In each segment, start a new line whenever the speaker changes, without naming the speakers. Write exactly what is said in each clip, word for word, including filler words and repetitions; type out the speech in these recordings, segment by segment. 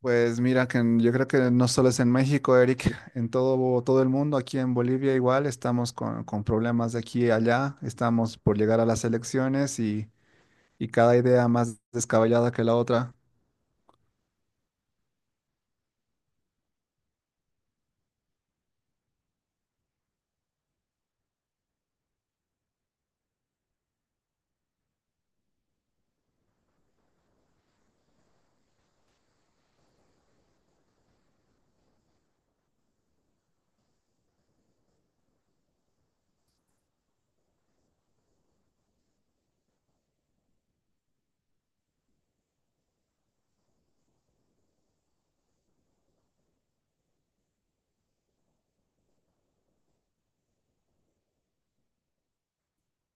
Pues mira, que en- yo creo que no solo es en México, Eric, en todo, todo el mundo. Aquí en Bolivia igual estamos con, con problemas de aquí y allá, estamos por llegar a las elecciones y, y cada idea más descabellada que la otra.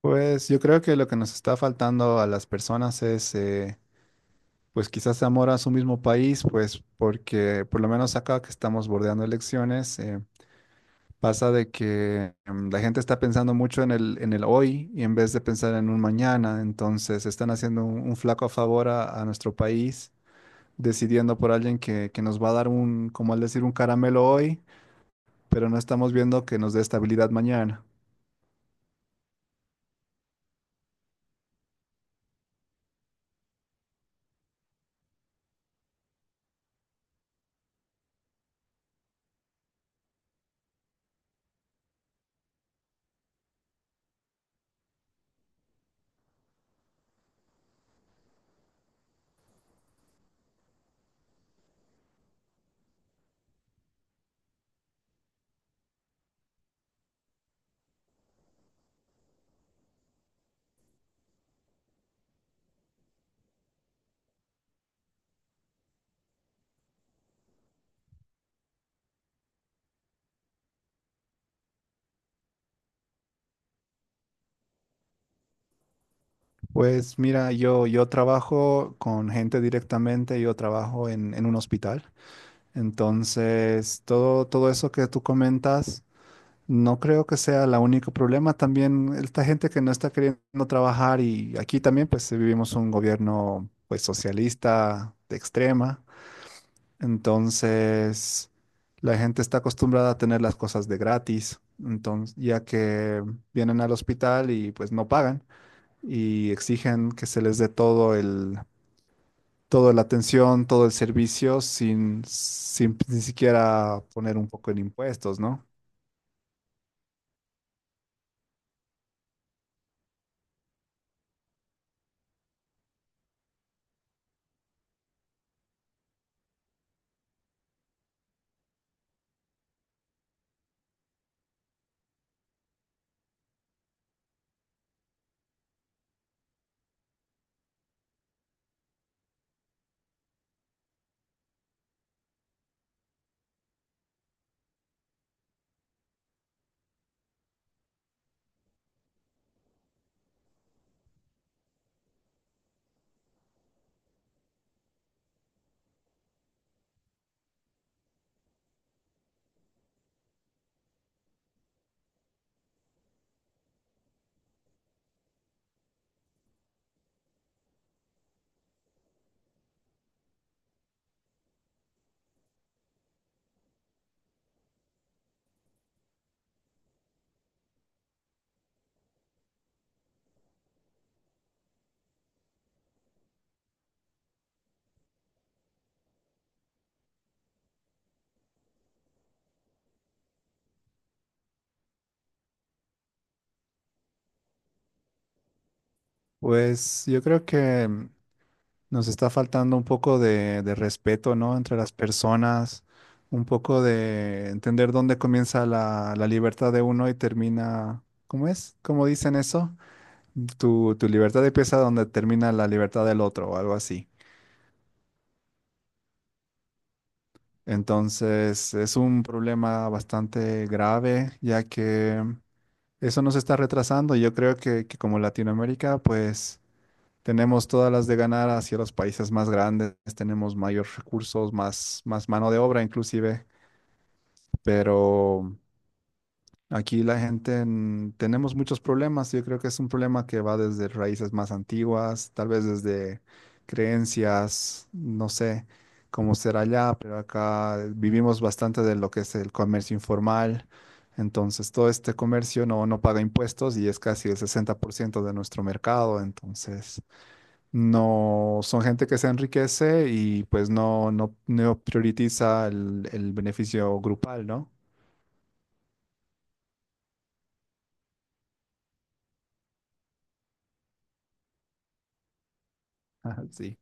Pues yo creo que lo que nos está faltando a las personas es, eh, pues quizás amor a su mismo país, pues porque por lo menos acá que estamos bordeando elecciones. eh, Pasa de que em, la gente está pensando mucho en el, en el hoy y en vez de pensar en un mañana, entonces están haciendo un, un flaco favor a, a nuestro país, decidiendo por alguien que, que nos va a dar un, como al decir, un caramelo hoy, pero no estamos viendo que nos dé estabilidad mañana. Pues mira, yo, yo trabajo con gente directamente. Yo trabajo en, en un hospital, entonces todo, todo eso que tú comentas, no creo que sea el único problema. También esta gente que no está queriendo trabajar, y aquí también pues vivimos un gobierno pues socialista de extrema. Entonces la gente está acostumbrada a tener las cosas de gratis. Entonces ya que vienen al hospital y pues no pagan y exigen que se les dé todo el toda la atención, todo el servicio sin sin ni siquiera poner un poco en impuestos, ¿no? Pues yo creo que nos está faltando un poco de, de respeto, ¿no? Entre las personas, un poco de entender dónde comienza la, la libertad de uno y termina. ¿Cómo es? ¿Cómo dicen eso? Tu, tu libertad empieza donde termina la libertad del otro o algo así. Entonces, es un problema bastante grave, ya que eso nos está retrasando. y Yo creo que, que como Latinoamérica, pues tenemos todas las de ganar hacia los países más grandes, tenemos mayores recursos, más, más mano de obra inclusive, pero aquí la gente en- tenemos muchos problemas. Yo creo que es un problema que va desde raíces más antiguas, tal vez desde creencias, no sé cómo será allá, pero acá vivimos bastante de lo que es el comercio informal. Entonces, todo este comercio no, no paga impuestos y es casi el sesenta por ciento de nuestro mercado. Entonces no, son gente que se enriquece y pues no, no, no prioritiza el, el beneficio grupal, ¿no? Ajá, sí.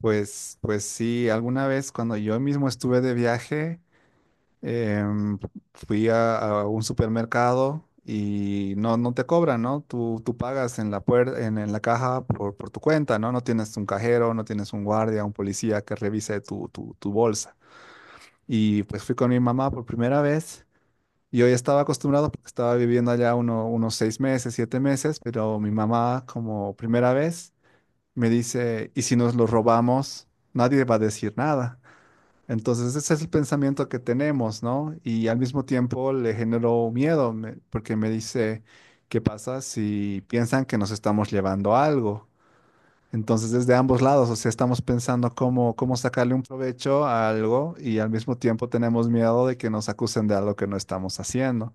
Pues, pues sí, alguna vez cuando yo mismo estuve de viaje, em, fui a, a un supermercado y no, no te cobran, ¿no? Tú, tú pagas en la puer- en, en la caja por, por tu cuenta, ¿no? No tienes un cajero, no tienes un guardia, un policía que revise tu, tu tu bolsa. Y pues fui con mi mamá por primera vez. Y hoy estaba acostumbrado porque estaba viviendo allá uno- unos seis meses, siete meses, pero mi mamá, como primera vez, me dice, ¿y si nos lo robamos? Nadie va a decir nada. Entonces ese es el pensamiento que tenemos, ¿no? Y al mismo tiempo le generó miedo me- porque me dice, ¿qué pasa si piensan que nos estamos llevando algo? Entonces desde ambos lados, o sea, estamos pensando cómo, cómo sacarle un provecho a algo y al mismo tiempo tenemos miedo de que nos acusen de algo que no estamos haciendo.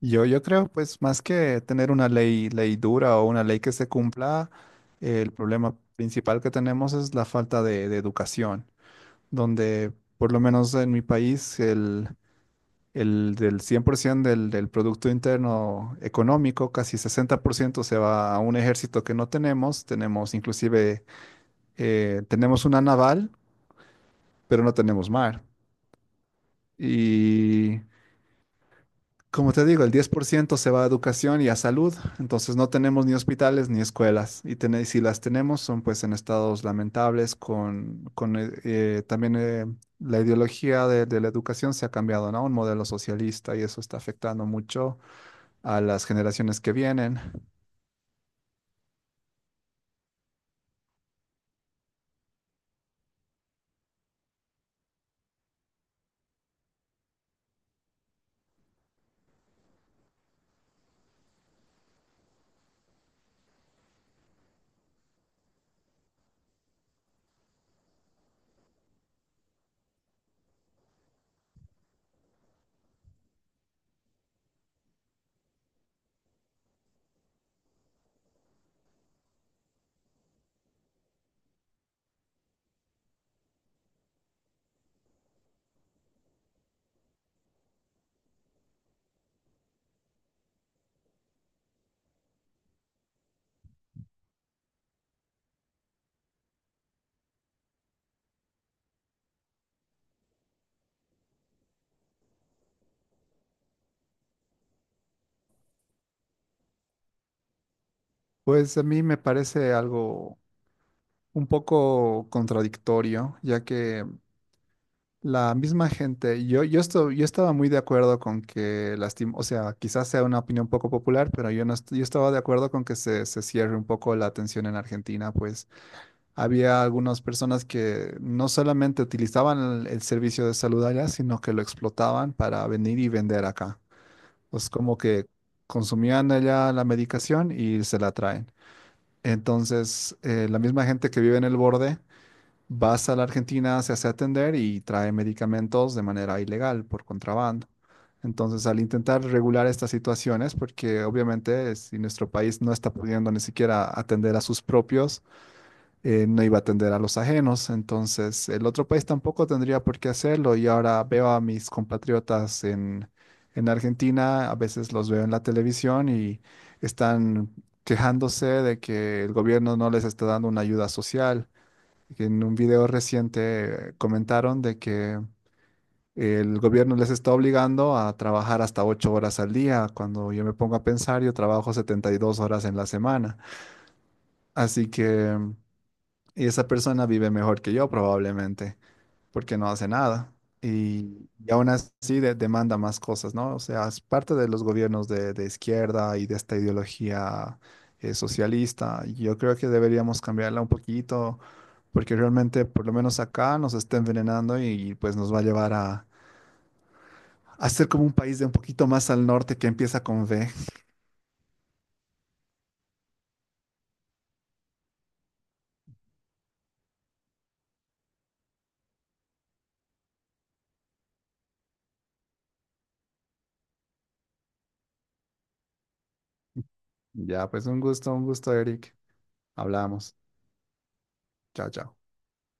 Yo, yo creo, pues, más que tener una ley, ley dura o una ley que se cumpla, eh, el problema principal que tenemos es la falta de, de educación, donde, por lo menos en mi país, el, el del cien por ciento del, del Producto Interno Económico, casi sesenta por ciento se va a un ejército que no tenemos. Tenemos inclusive, eh, tenemos una naval, pero no tenemos mar. Y como te digo, el diez por ciento se va a educación y a salud, entonces no tenemos ni hospitales ni escuelas, y, ten- si las tenemos son pues en estados lamentables, con, con, eh, eh, también eh, la ideología de, de la educación se ha cambiado, ¿no? Un modelo socialista y eso está afectando mucho a las generaciones que vienen. Pues a mí me parece algo un poco contradictorio, ya que la misma gente, yo, yo, esto, yo estaba muy de acuerdo con que, lastim- o sea, quizás sea una opinión poco popular, pero yo, no est- yo estaba de acuerdo con que se, se cierre un poco la atención en Argentina, pues había algunas personas que no solamente utilizaban el, el servicio de salud allá, sino que lo explotaban para venir y vender acá. Pues como que consumían allá la medicación y se la traen. Entonces, eh, la misma gente que vive en el borde vas a la Argentina, se hace atender y trae medicamentos de manera ilegal, por contrabando. Entonces, al intentar regular estas situaciones, porque obviamente eh, si nuestro país no está pudiendo ni siquiera atender a sus propios, eh, no iba a atender a los ajenos. Entonces, el otro país tampoco tendría por qué hacerlo. Y ahora veo a mis compatriotas en, en Argentina, a veces los veo en la televisión y están quejándose de que el gobierno no les está dando una ayuda social, que en un video reciente eh, comentaron de que el gobierno les está obligando a trabajar hasta ocho horas al día. Cuando yo me pongo a pensar, yo trabajo setenta y dos horas en la semana. Así que mm, esa persona vive mejor que yo probablemente, porque no hace nada. Y, y aún así de- demanda más cosas, ¿no? O sea, es parte de los gobiernos de, de izquierda y de esta ideología eh, socialista. Yo creo que deberíamos cambiarla un poquito porque realmente por lo menos acá nos está envenenando y pues nos va a llevar a, a ser como un país de un poquito más al norte que empieza con V. Ya, pues un gusto, un gusto, Eric. Hablamos. Chao, chao.